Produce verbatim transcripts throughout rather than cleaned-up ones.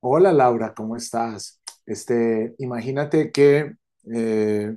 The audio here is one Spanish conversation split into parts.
Hola Laura, ¿cómo estás? Este, imagínate que eh,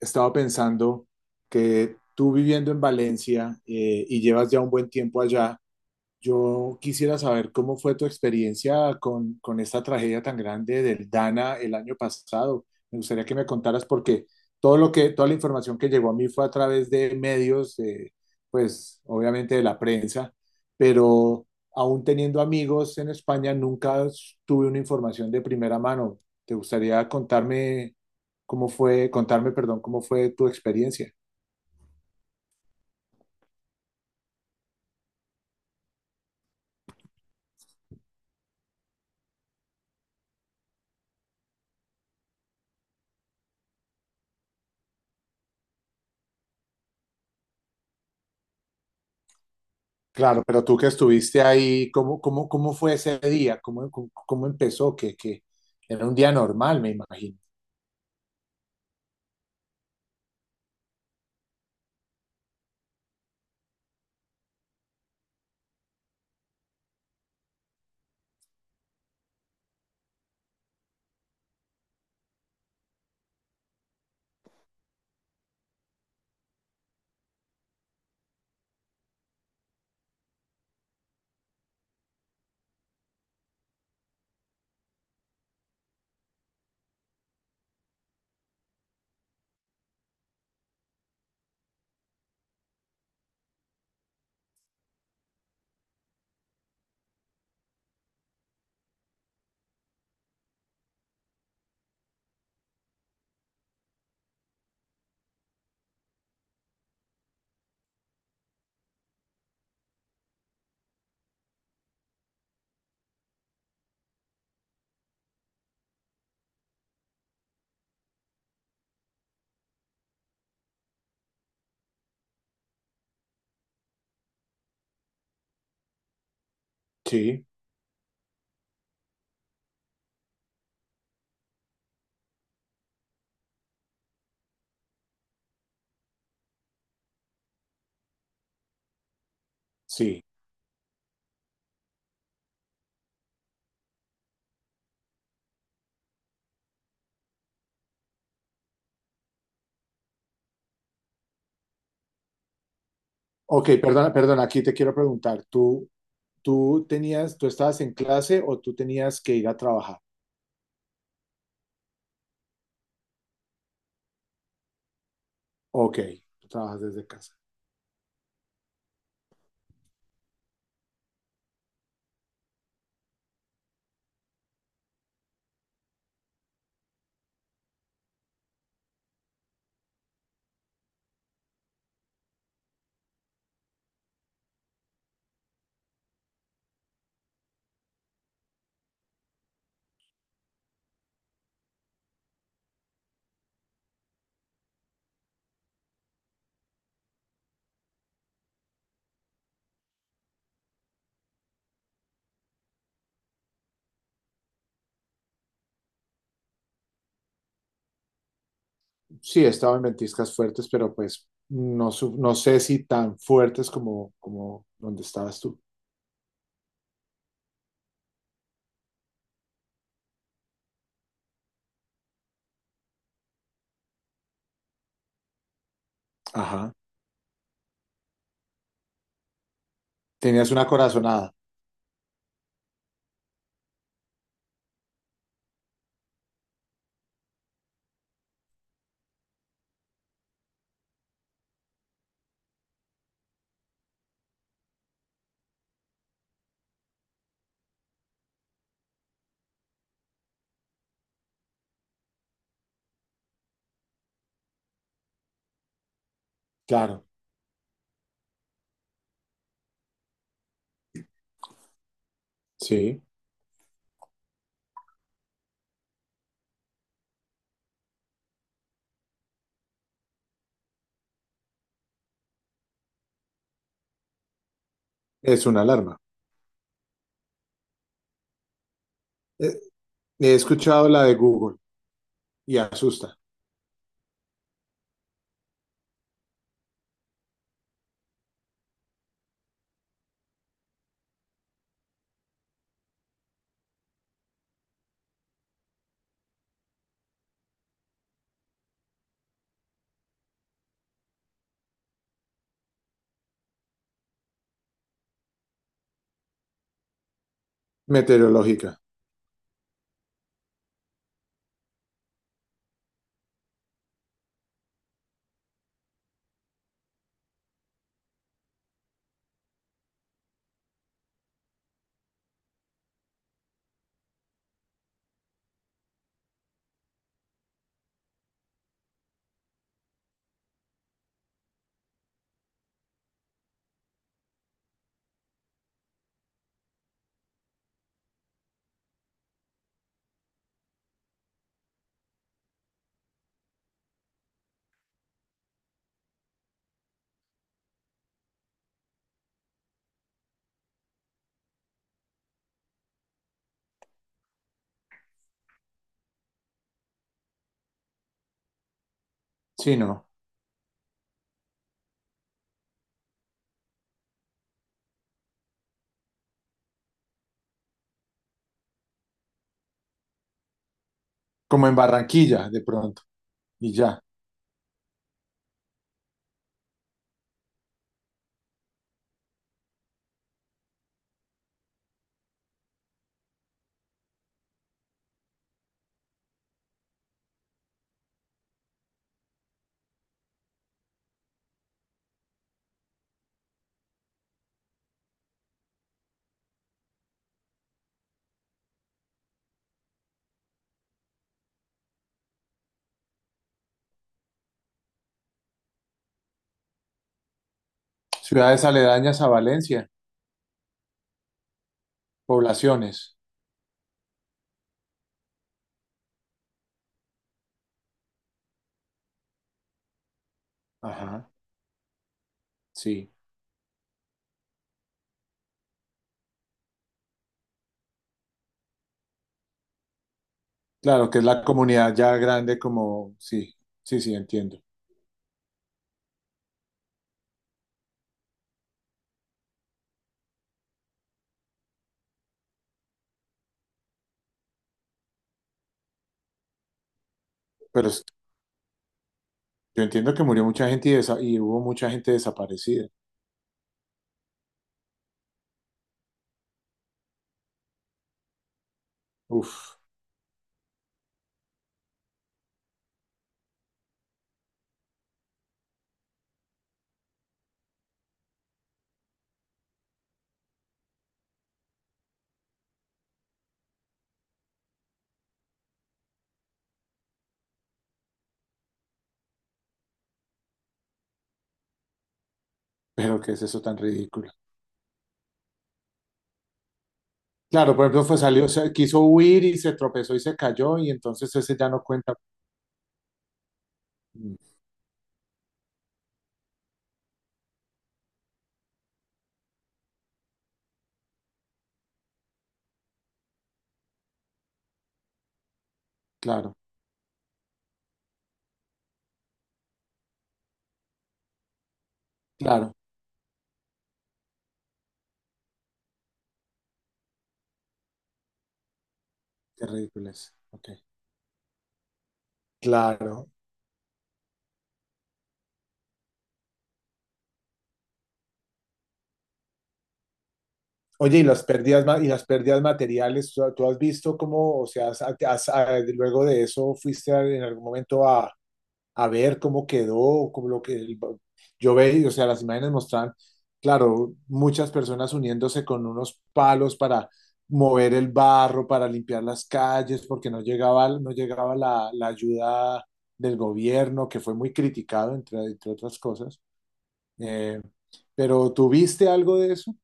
estaba pensando que tú viviendo en Valencia, eh, y llevas ya un buen tiempo allá, yo quisiera saber cómo fue tu experiencia con, con esta tragedia tan grande del Dana el año pasado. Me gustaría que me contaras porque todo lo que, toda la información que llegó a mí fue a través de medios, de, pues obviamente de la prensa, pero aún teniendo amigos en España nunca tuve una información de primera mano. ¿Te gustaría contarme cómo fue, contarme, perdón, cómo fue tu experiencia? Claro, pero tú que estuviste ahí, ¿cómo, cómo, cómo fue ese día? ¿Cómo, cómo, cómo empezó? Que, que era un día normal, me imagino. Sí, sí. Ok, perdona, perdona, aquí te quiero preguntar, ¿tú, tú tenías, tú estabas en clase o tú tenías que ir a trabajar? Ok, tú trabajas desde casa. Sí, estaba en ventiscas fuertes, pero pues no, su- no sé si tan fuertes como, como donde estabas tú. Ajá. Tenías una corazonada. Claro, sí, es una alarma. Eh, He escuchado la de Google. Y asusta. Meteorológica, sí, no. Como en Barranquilla, de pronto, y ya. Ciudades aledañas a Valencia, poblaciones. Ajá, sí. Claro, que es la comunidad ya grande como, sí, sí, sí, entiendo. Pero es, yo entiendo que murió mucha gente y, desa- y hubo mucha gente desaparecida. Uf, pero ¿qué es eso tan ridículo? Claro, por ejemplo, fue salió, se- quiso huir y se tropezó y se cayó y entonces ese ya no cuenta. Mm, claro, claro, qué ridículo es. Ok. Claro. Oye, y las pérdidas, ma- y las pérdidas materiales, ¿tú, tú has visto cómo, o sea, has- has- ah, luego de eso fuiste a- en algún momento a, a ver cómo quedó, como lo que el- yo veía, o sea, las imágenes mostraban, claro, muchas personas uniéndose con unos palos para mover el barro, para limpiar las calles, porque no llegaba, no llegaba la, la ayuda del gobierno, que fue muy criticado, entre, entre otras cosas. Eh, pero ¿tuviste algo de eso?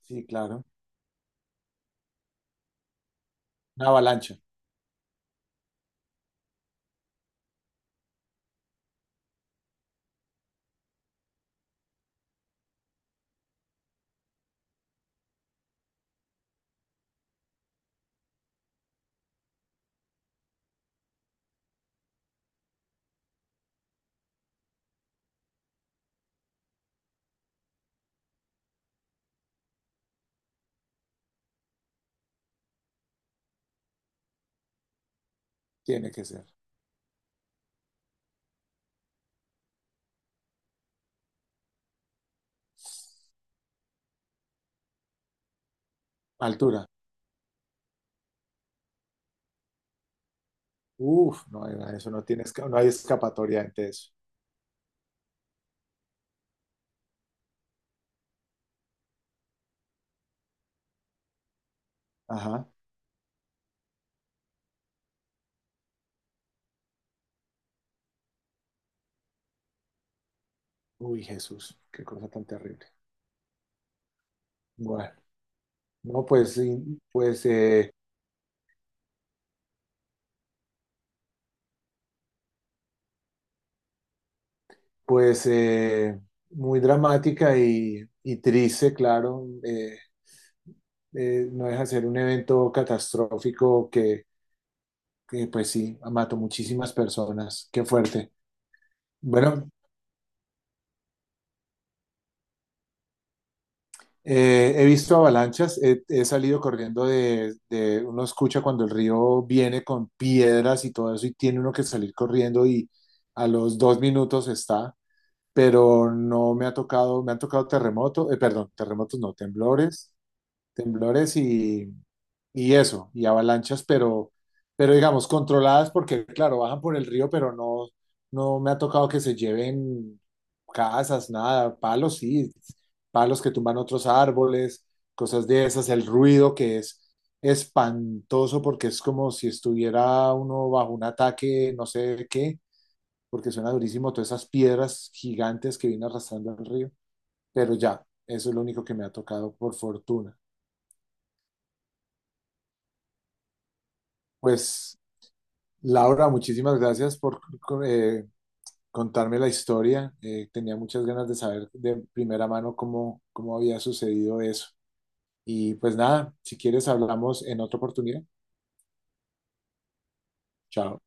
Sí, claro. Una avalancha, tiene que ser. Altura. Uf, no, eso no tiene, esca- no hay escapatoria ante eso. Ajá. Uy, Jesús, qué cosa tan terrible. Bueno, no, pues, sí, pues, eh, pues eh, muy dramática y, y triste, claro. eh, eh, no deja de ser un evento catastrófico que, que, pues sí, mató muchísimas personas. Qué fuerte. Bueno, eh, he visto avalanchas, he, he salido corriendo de, de, uno escucha cuando el río viene con piedras y todo eso y tiene uno que salir corriendo y a los dos minutos está. Pero no me ha tocado, me han tocado terremotos, perdón, terremotos no, temblores, temblores y, y eso, y avalanchas, pero, pero digamos, controladas porque, claro, bajan por el río, pero no, no me ha tocado que se lleven casas, nada, palos sí, palos que tumban otros árboles, cosas de esas, el ruido que es espantoso porque es como si estuviera uno bajo un ataque, no sé de qué, porque suena durísimo todas esas piedras gigantes que vino arrastrando el río, pero ya, eso es lo único que me ha tocado por fortuna. Pues, Laura, muchísimas gracias por eh, contarme la historia. Eh, tenía muchas ganas de saber de primera mano cómo, cómo había sucedido eso. Y pues nada, si quieres hablamos en otra oportunidad. Chao.